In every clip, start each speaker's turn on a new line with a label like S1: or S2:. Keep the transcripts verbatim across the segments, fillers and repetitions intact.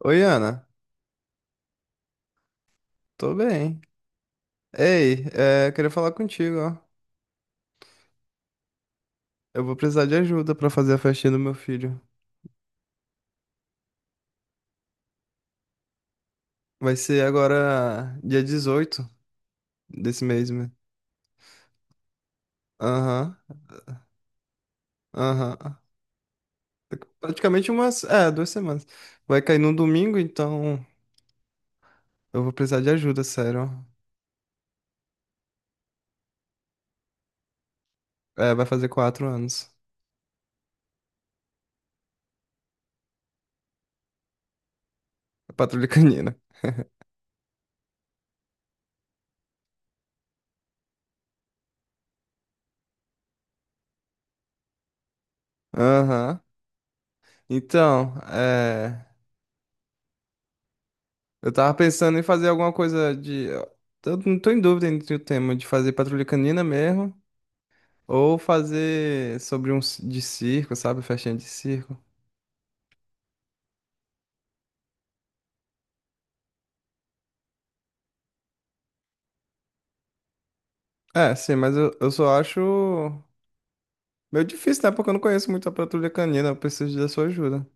S1: Oi, Ana. Tô bem. Ei, é, queria falar contigo, ó. Eu vou precisar de ajuda pra fazer a festinha do meu filho. Vai ser agora dia dezoito desse mês, né? Aham, aham. Praticamente umas, é, duas semanas. Vai cair num domingo, então eu vou precisar de ajuda, sério. É, vai fazer quatro anos. Patrulha Canina. Aham. Então, é, eu tava pensando em fazer alguma coisa de... Eu não tô em dúvida entre o tema de fazer Patrulha Canina mesmo, ou fazer sobre um ci- de circo, sabe? Festinha de circo. É, sim, mas eu, eu só acho meio difícil, né? Porque eu não conheço muito a Patrulha Canina, eu preciso da sua ajuda.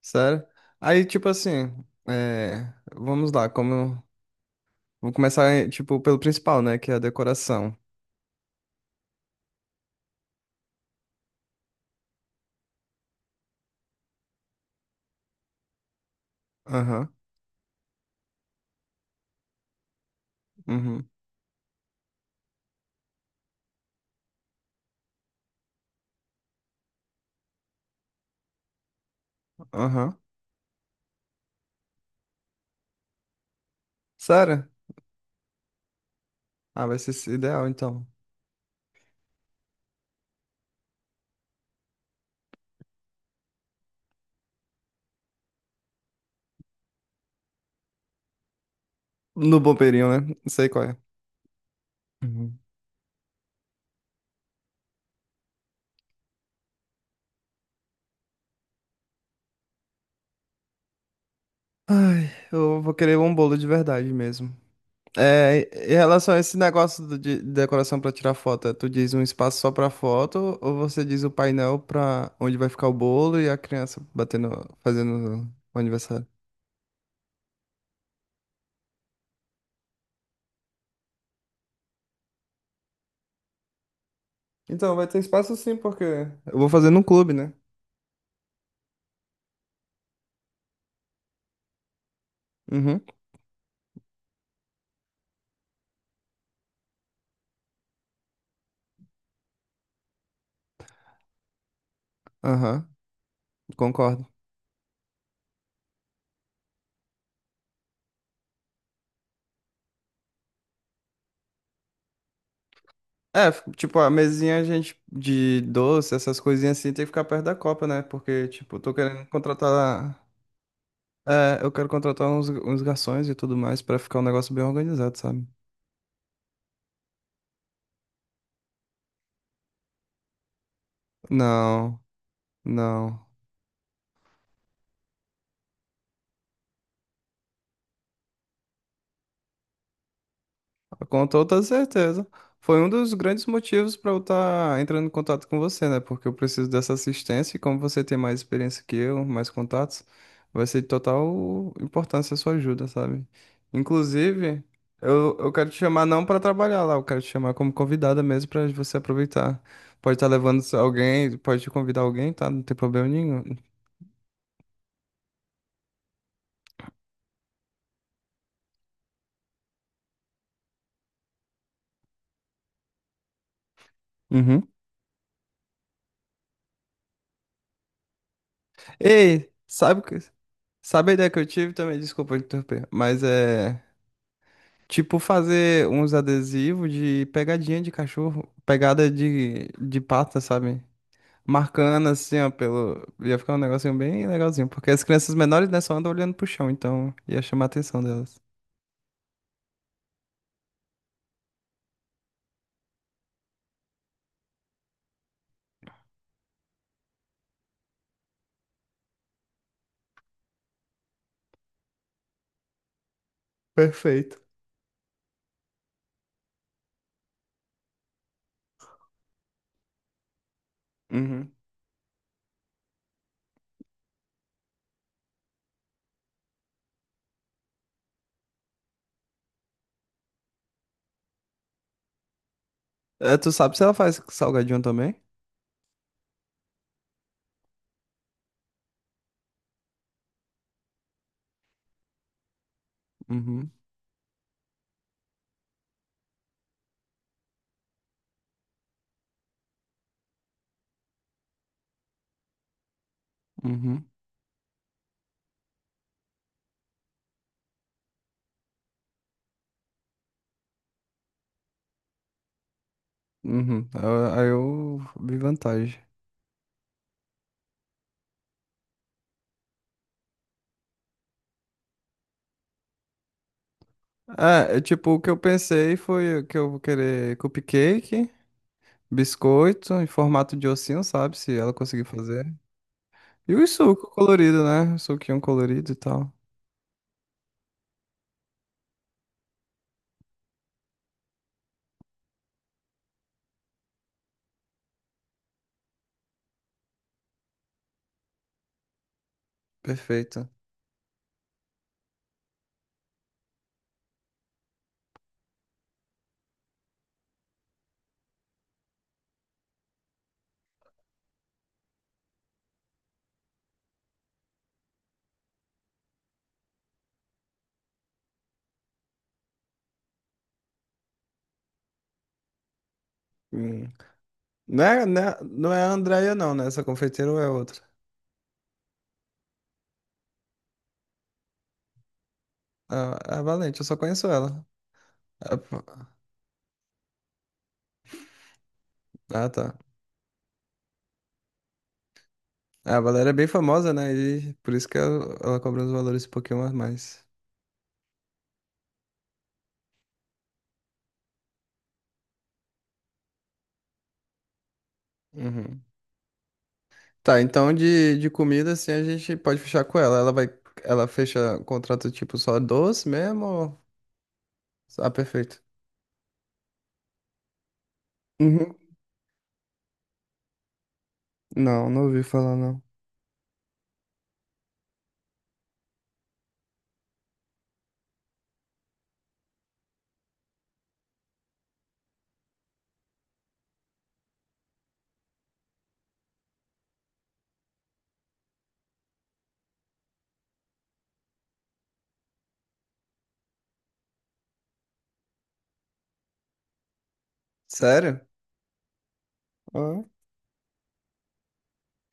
S1: Sério? Aí, tipo assim, é, vamos lá, como. Vou começar, eh, tipo, pelo principal, né? Que é a decoração. Aham, uhum, aham. Sério? Ah, vai ser esse ideal, então. No bombeirinho, né? Não sei qual é. Uhum. Ai, eu vou querer um bolo de verdade mesmo. É, em relação a esse negócio do- de decoração para tirar foto, é, tu diz um espaço só para foto, ou você diz o painel para onde vai ficar o bolo e a criança batendo, fazendo o aniversário? Então, vai ter espaço sim, porque eu vou fazer num clube, né? Uhum, aham, concordo. É, f- tipo, a mesinha, a gente, de doce, essas coisinhas assim, tem que ficar perto da copa, né? Porque, tipo, eu tô querendo contratar. É, eu quero contratar uns, uns garçons e tudo mais pra ficar um negócio bem organizado, sabe? Não, não. Com toda certeza. Foi um dos grandes motivos para eu estar entrando em contato com você, né? Porque eu preciso dessa assistência e como você tem mais experiência que eu, mais contatos, vai ser de total importância a sua ajuda, sabe? Inclusive, eu, eu quero te chamar não para trabalhar lá, eu quero te chamar como convidada mesmo para você aproveitar. Pode estar levando alguém, pode convidar alguém, tá? Não tem problema nenhum. Uhum. Ei, sabe, o que- sabe a ideia que eu tive também? Desculpa interromper, mas é. Tipo fazer uns adesivos de pegadinha de cachorro, pegada de, de pata, sabe? Marcando assim, ó, pelo. Ia ficar um negocinho bem legalzinho, porque as crianças menores, né, só andam olhando pro chão, então ia chamar a atenção delas. Perfeito. Uhum. É, tu sabe se ela faz salgadinho também? Uhum, uhum, uhum. Aí eu vi vantagem. É, é, tipo, o que eu pensei foi que eu vou querer cupcake, biscoito em formato de ossinho, sabe? Se ela conseguir fazer. E o suco colorido, né? Suquinho colorido e tal. Perfeito. Hum. Não é, não é, não é a Andrea, não, né? Essa confeiteira ou é outra? Ah, a Valente, eu só conheço ela. Ah, pô. Ah, tá. É, a Valéria é bem famosa, né? E por isso que ela, ela cobra os valores um pouquinho a mais. Uhum. Tá, então de, de comida, assim, a gente pode fechar com ela. Ela vai, ela fecha contrato tipo só doce mesmo? Ou... Ah, perfeito. Uhum. Não, não ouvi falar, não. Sério? Ah,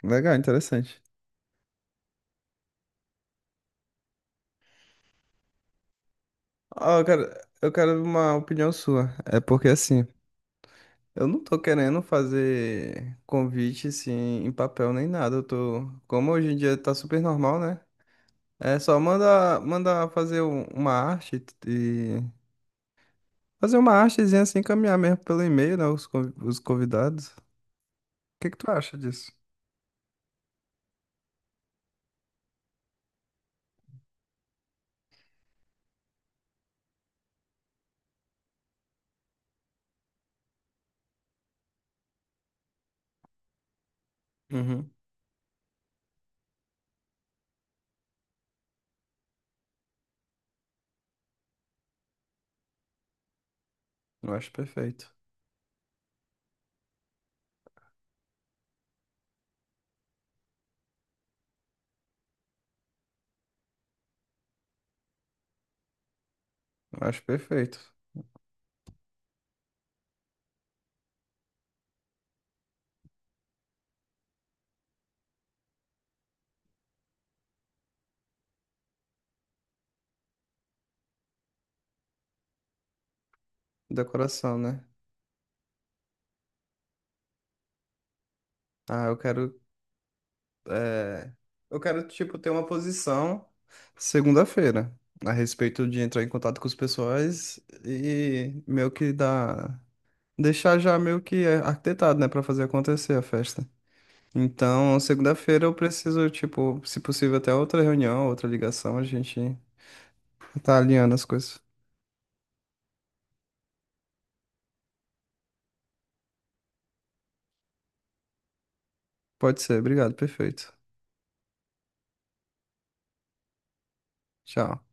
S1: legal, interessante. Ah, eu quero, eu quero uma opinião sua. É porque assim, eu não tô querendo fazer convite assim em papel nem nada. Eu tô, como hoje em dia tá super normal, né? É só manda, manda fazer um- uma arte e fazer uma artezinha assim, encaminhar mesmo pelo e-mail, né? Os, conv- os convidados. O que que tu acha disso? Uhum. Eu acho perfeito. Eu acho perfeito. Decoração, né? Ah, eu quero é, eu quero, tipo, ter uma posição segunda-feira a respeito de entrar em contato com os pessoais e meio que dar, deixar já meio que é, arquitetado, né, pra fazer acontecer a festa. Então, segunda-feira eu preciso, tipo, se possível, até outra reunião, outra ligação, a gente tá alinhando as coisas. Pode ser, obrigado, perfeito. Tchau.